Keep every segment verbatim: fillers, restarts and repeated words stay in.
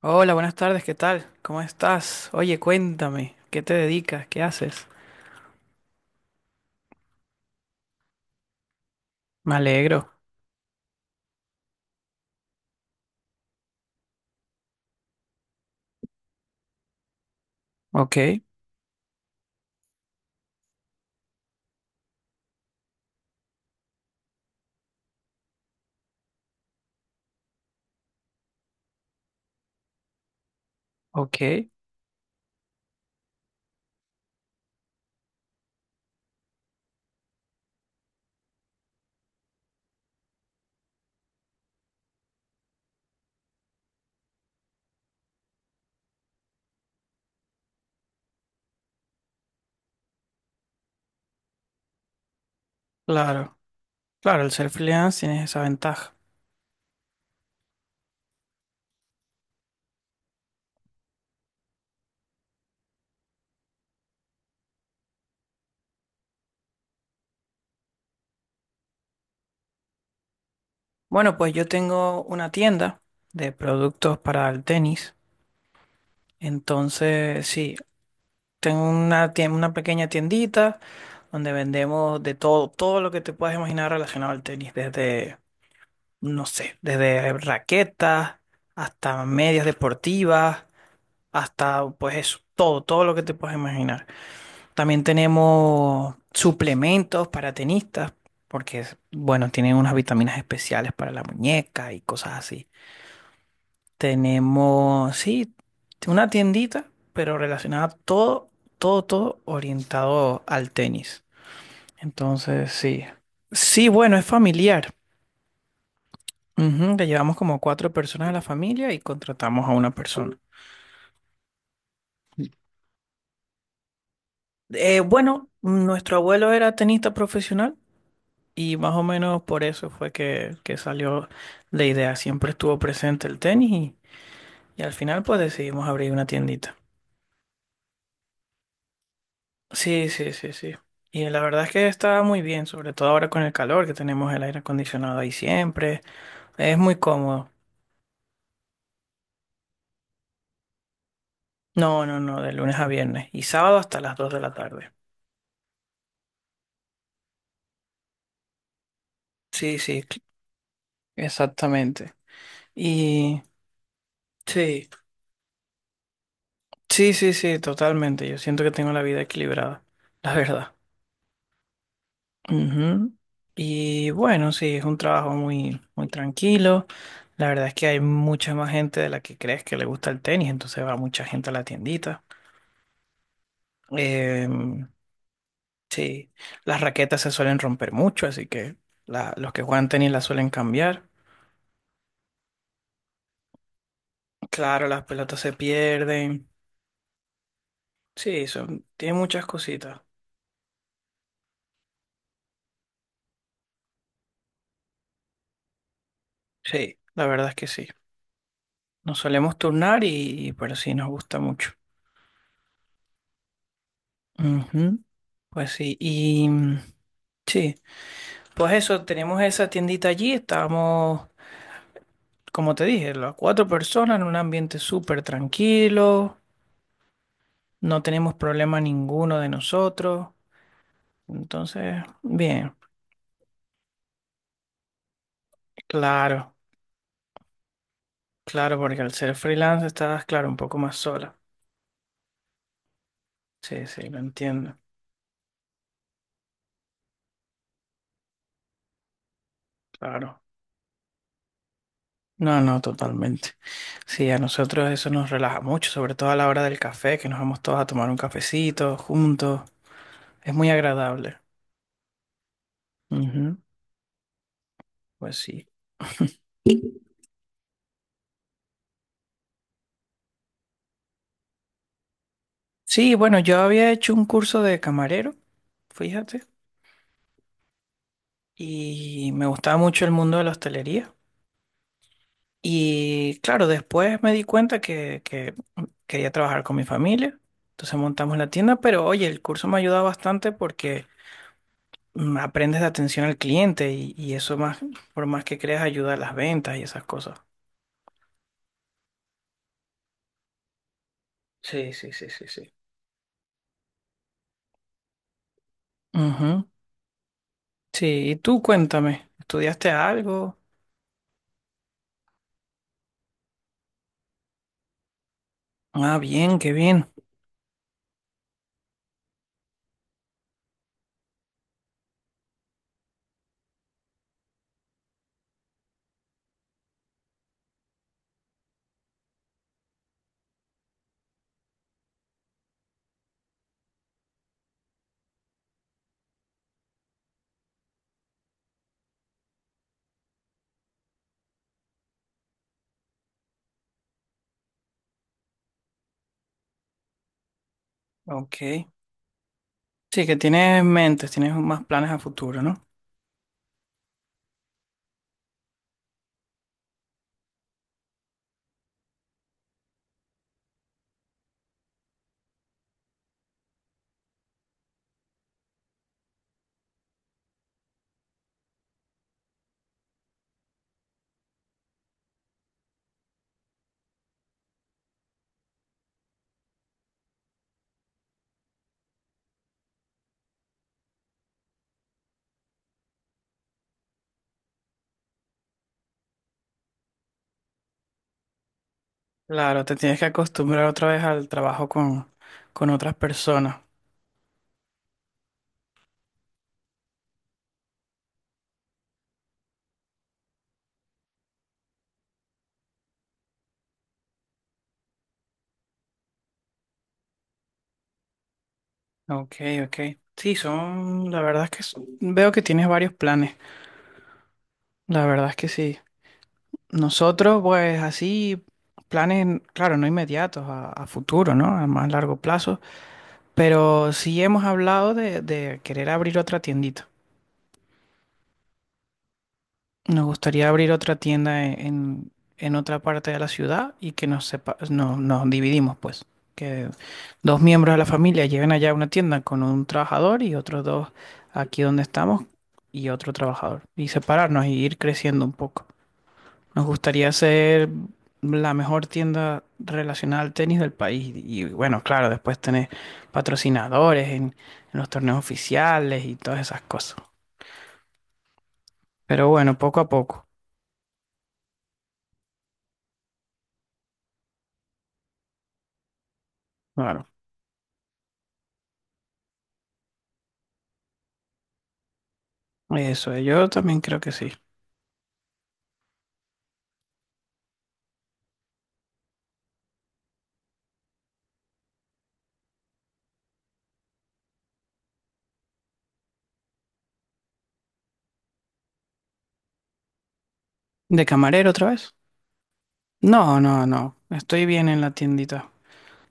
Hola, buenas tardes, ¿qué tal? ¿Cómo estás? Oye, cuéntame, ¿qué te dedicas? ¿Qué haces? Me alegro. Ok, ok, claro. Claro, el ser freelance tiene esa ventaja. Bueno, pues yo tengo una tienda de productos para el tenis. Entonces, sí, tengo una, tien- una pequeña tiendita donde vendemos de todo, todo lo que te puedas imaginar relacionado al tenis, desde, no sé, desde raquetas hasta medias deportivas hasta pues eso, todo, todo lo que te puedes imaginar. También tenemos suplementos para tenistas, porque bueno, tienen unas vitaminas especiales para la muñeca y cosas así. Tenemos, sí, una tiendita, pero relacionada a todo, todo, todo orientado al tenis. Entonces, sí. Sí, bueno, es familiar. Ujú. Le llevamos como cuatro personas a la familia y contratamos a una persona. Eh, bueno, nuestro abuelo era tenista profesional. Y más o menos por eso fue que, que salió la idea. Siempre estuvo presente el tenis y, y al final pues decidimos abrir una tiendita. Sí, sí, sí, sí. Y la verdad es que está muy bien, sobre todo ahora con el calor, que tenemos el aire acondicionado ahí siempre. Es muy cómodo. No, no, no, de lunes a viernes y sábado hasta las dos de la tarde. Sí, sí, cl- exactamente. Y sí, sí, sí, sí, totalmente. Yo siento que tengo la vida equilibrada, la verdad. Ujú. Y bueno, sí, es un trabajo muy, muy tranquilo. La verdad es que hay mucha más gente de la que crees que le gusta el tenis, entonces va mucha gente a la tiendita. Em, sí, las raquetas se suelen romper mucho, así que la- los que juegan tenis las suelen cambiar. Claro, las pelotas se pierden. Sí, son, tiene muchas cositas. Sí, la verdad es que sí. Nos solemos turnar y, pero sí nos gusta mucho. Ujú. Pues sí, y mm, sí. Pues eso, tenemos esa tiendita allí, estábamos, como te dije, las cuatro personas en un ambiente súper tranquilo, no tenemos problema ninguno de nosotros, entonces, bien, claro, claro, porque al ser freelance estás, claro, un poco más sola. Sí, sí, lo entiendo, claro. No, no, totalmente. Sí, a nosotros eso nos relaja mucho, sobre todo a la hora del café, que nos vamos todos a tomar un cafecito juntos, es muy agradable. Ujú. Pues sí. Sí, bueno, yo había hecho un curso de camarero, fíjate, y me gustaba mucho el mundo de la hostelería. Y claro, después me di cuenta que, que quería trabajar con mi familia, entonces montamos la tienda, pero oye, el curso me ha ayudado bastante porque mm, aprendes de atención al cliente y, y eso más, por más que creas, ayuda a las ventas y esas cosas. Sí, sí, sí, sí, sí. Ujú. Sí, y tú cuéntame, ¿estudiaste algo? Ah, bien, qué bien. Ok. Sí, que tienes mentes, tienes más planes a futuro, ¿no? Claro, te tienes que acostumbrar otra vez al trabajo con, con otras personas. Ok, ok. Sí, son, la verdad es que son- veo que tienes varios planes. La verdad es que sí. Nosotros, pues así, planes, claro, no inmediatos, a, a futuro, ¿no? A más largo plazo. Pero sí hemos hablado de, de querer abrir otra tiendita. Nos gustaría abrir otra tienda en, en otra parte de la ciudad y que nos sepa, no, nos dividimos, pues. Que dos miembros de la familia lleven allá una tienda con un trabajador y otros dos aquí donde estamos y otro trabajador. Y separarnos y ir creciendo un poco. Nos gustaría ser la mejor tienda relacionada al tenis del país. Y bueno, claro, después tener patrocinadores en en los torneos oficiales y todas esas cosas. Pero bueno, poco a poco. Claro. Eso, eh, yo también creo que sí. ¿De camarero otra vez? No, no, no. Estoy bien en la tiendita.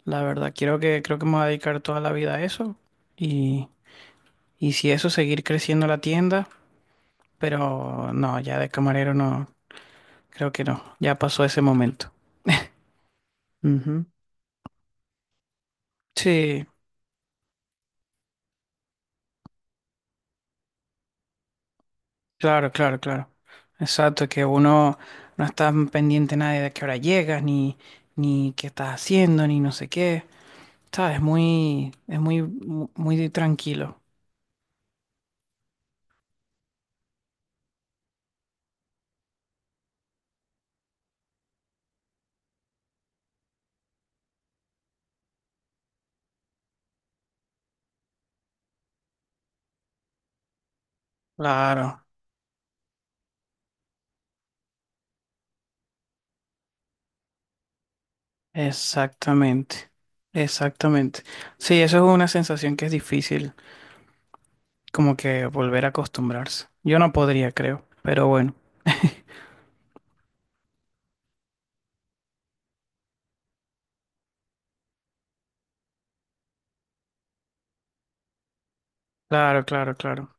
La verdad, quiero que, creo que me voy a dedicar toda la vida a eso. Y, y si eso, seguir creciendo la tienda. Pero no, ya de camarero no. Creo que no. Ya pasó ese momento. Ujú. Sí, claro, claro, claro. Exacto, que uno no está pendiente nadie de a qué hora llegas, ni, ni qué estás haciendo, ni no sé qué. Sabes, muy, es muy, muy tranquilo. Claro, exactamente, exactamente. Sí, eso es una sensación que es difícil como que volver a acostumbrarse. Yo no podría, creo, pero bueno. Claro, claro, claro.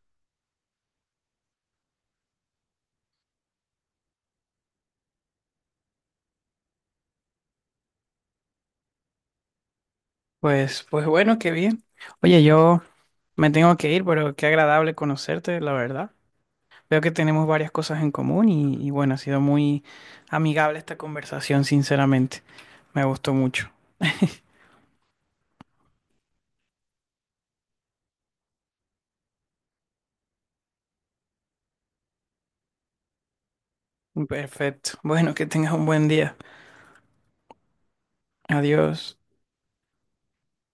Pues, pues bueno, qué bien. Oye, yo me tengo que ir, pero qué agradable conocerte, la verdad. Veo que tenemos varias cosas en común y, y bueno, ha sido muy amigable esta conversación, sinceramente. Me gustó mucho. Perfecto. Bueno, que tengas un buen día. Adiós.